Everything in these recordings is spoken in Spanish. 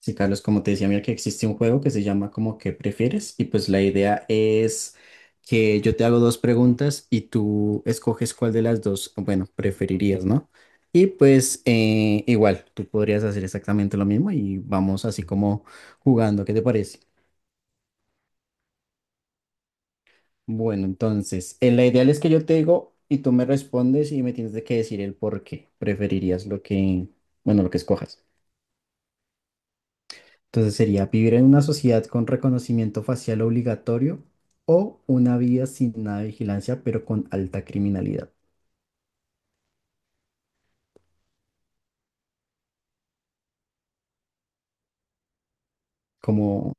Sí, Carlos, como te decía, mira que existe un juego que se llama como que prefieres y pues la idea es que yo te hago dos preguntas y tú escoges cuál de las dos, bueno, preferirías, ¿no? Y pues igual, tú podrías hacer exactamente lo mismo y vamos así como jugando, ¿qué te parece? Bueno, entonces, la ideal es que yo te digo y tú me respondes y me tienes de que decir el por qué preferirías lo que, bueno, lo que escojas. Entonces sería vivir en una sociedad con reconocimiento facial obligatorio o una vida sin nada de vigilancia, pero con alta criminalidad. Como,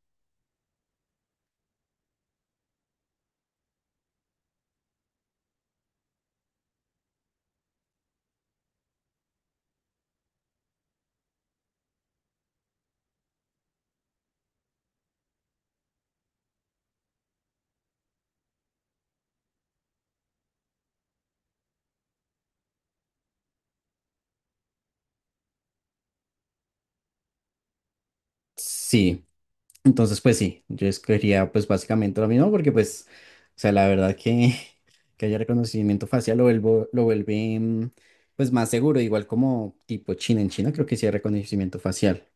sí, entonces pues sí, yo escogería pues básicamente lo mismo porque pues, o sea, la verdad que, que haya reconocimiento facial lo vuelve pues más seguro, igual como tipo China, en China creo que sí hay reconocimiento facial.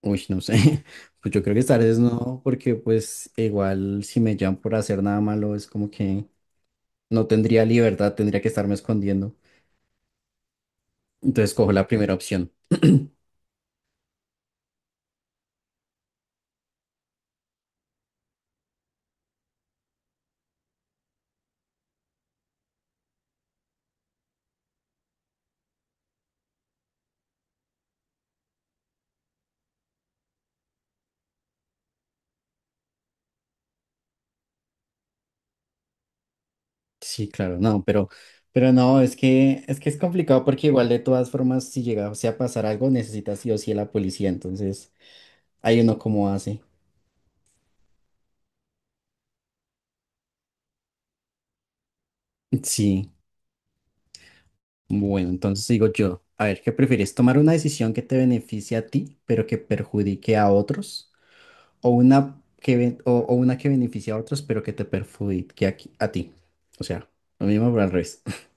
Uy, no sé, pues yo creo que tal vez no, porque pues igual si me llaman por hacer nada malo es como que... No tendría libertad, tendría que estarme escondiendo. Entonces cojo la primera opción. Sí, claro, no, pero no, es que, es que es complicado porque igual de todas formas, si llegase a pasar algo, necesitas sí o sí a la policía. Entonces, ahí uno cómo hace. Sí, bueno, entonces digo yo, a ver, ¿qué prefieres? ¿Tomar una decisión que te beneficie a ti, pero que perjudique a otros? ¿O una que, o una que beneficie a otros, pero que te perjudique a, a ti? O sea, lo mismo, pero al revés.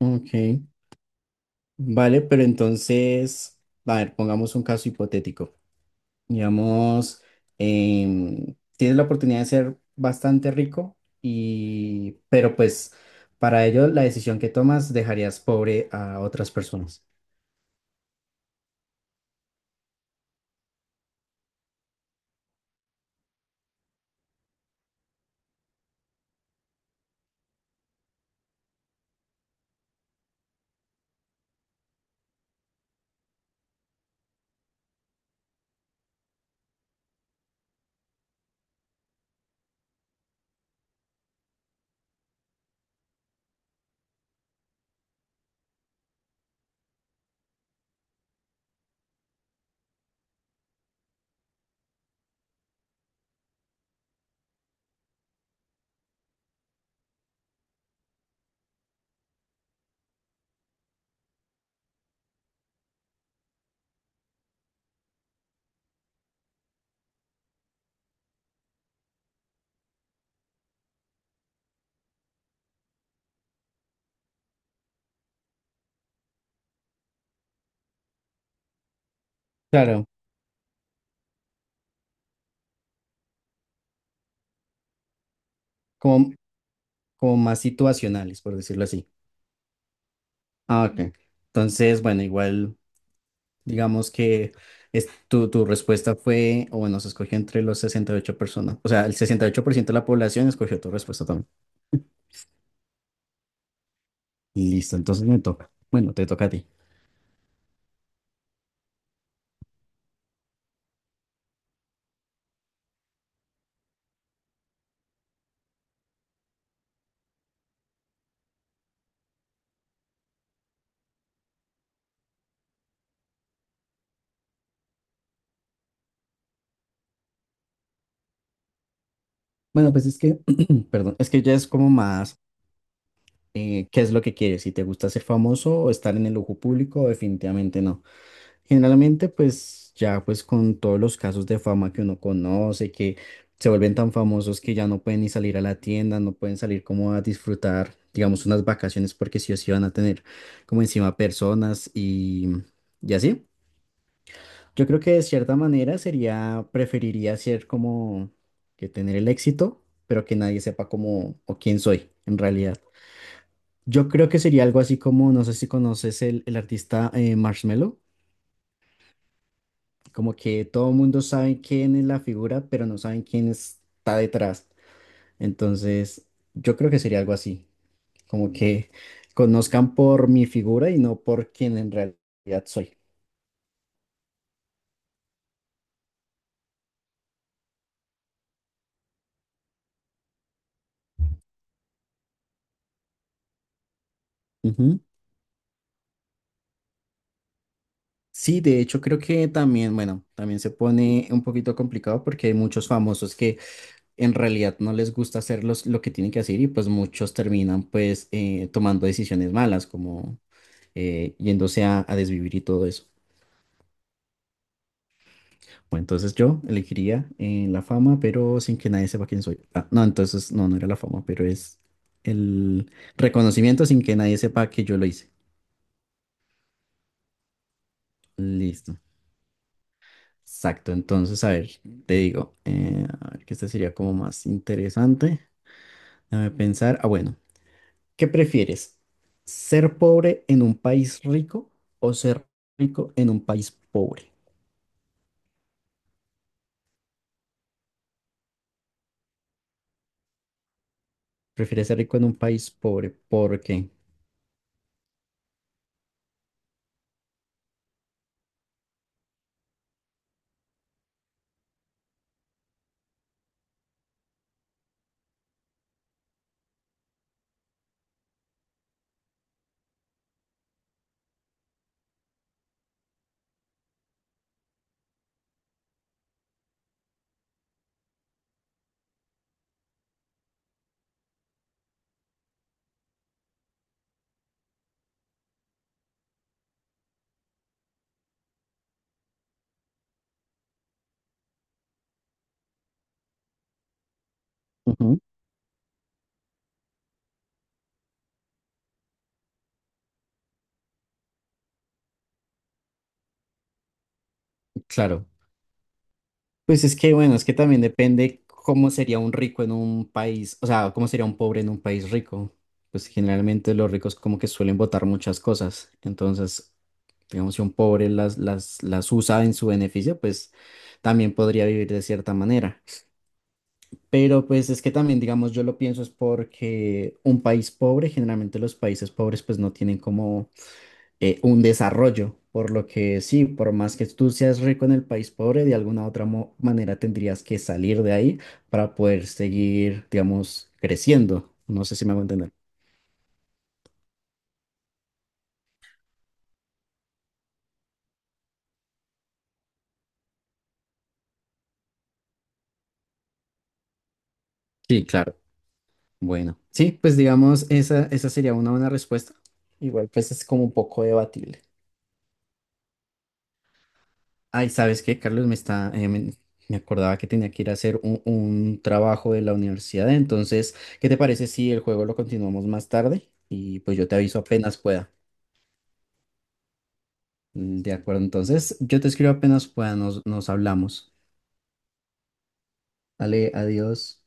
Ok. Vale, pero entonces, a ver, pongamos un caso hipotético. Digamos, tienes la oportunidad de ser bastante rico y, pero pues para ello la decisión que tomas dejarías pobre a otras personas. Claro, como, como más situacionales, por decirlo así. Ah, ok. Entonces, bueno, igual, digamos que es, tu respuesta fue, o bueno, se escogió entre los 68 personas. O sea, el 68% de la población escogió tu respuesta también. Listo, entonces me toca. Bueno, te toca a ti. Bueno, pues es que, perdón, es que ya es como más, ¿qué es lo que quieres? Si te gusta ser famoso o estar en el ojo público, definitivamente no. Generalmente, pues ya pues con todos los casos de fama que uno conoce, que se vuelven tan famosos que ya no pueden ni salir a la tienda, no pueden salir como a disfrutar, digamos, unas vacaciones porque sí o sí van a tener como encima personas y así. Yo creo que de cierta manera sería, preferiría ser como que tener el éxito, pero que nadie sepa cómo o quién soy en realidad. Yo creo que sería algo así como, no sé si conoces el artista Marshmello, como que todo el mundo sabe quién es la figura, pero no saben quién está detrás. Entonces, yo creo que sería algo así, como que conozcan por mi figura y no por quién en realidad soy. Sí, de hecho creo que también, bueno, también se pone un poquito complicado porque hay muchos famosos que en realidad no les gusta hacer lo que tienen que hacer y pues muchos terminan pues tomando decisiones malas como yéndose a desvivir y todo eso. Bueno, entonces yo elegiría la fama, pero sin que nadie sepa quién soy. Ah, no, entonces no, no era la fama, pero es el reconocimiento sin que nadie sepa que yo lo hice. Listo. Exacto, entonces, a ver, te digo, a ver que este sería como más interesante. Déjame pensar, ah, bueno, ¿qué prefieres? ¿Ser pobre en un país rico o ser rico en un país pobre? ¿Prefieres ser rico en un país pobre? ¿Por qué? Ujú. Claro, pues es que, bueno, es que también depende cómo sería un rico en un país, o sea, cómo sería un pobre en un país rico. Pues generalmente los ricos como que suelen votar muchas cosas. Entonces, digamos, si un pobre las usa en su beneficio, pues también podría vivir de cierta manera. Pero pues es que también, digamos, yo lo pienso es porque un país pobre, generalmente los países pobres pues no tienen como un desarrollo, por lo que sí, por más que tú seas rico en el país pobre, de alguna otra manera tendrías que salir de ahí para poder seguir, digamos, creciendo. No sé si me hago entender. Sí, claro. Bueno, sí, pues digamos, esa sería una buena respuesta. Igual, pues es como un poco debatible. Ay, ¿sabes qué, Carlos? Me acordaba que tenía que ir a hacer un trabajo de la universidad. Entonces, ¿qué te parece si el juego lo continuamos más tarde? Y pues yo te aviso apenas pueda. De acuerdo, entonces yo te escribo apenas pueda, nos hablamos. Ale, adiós.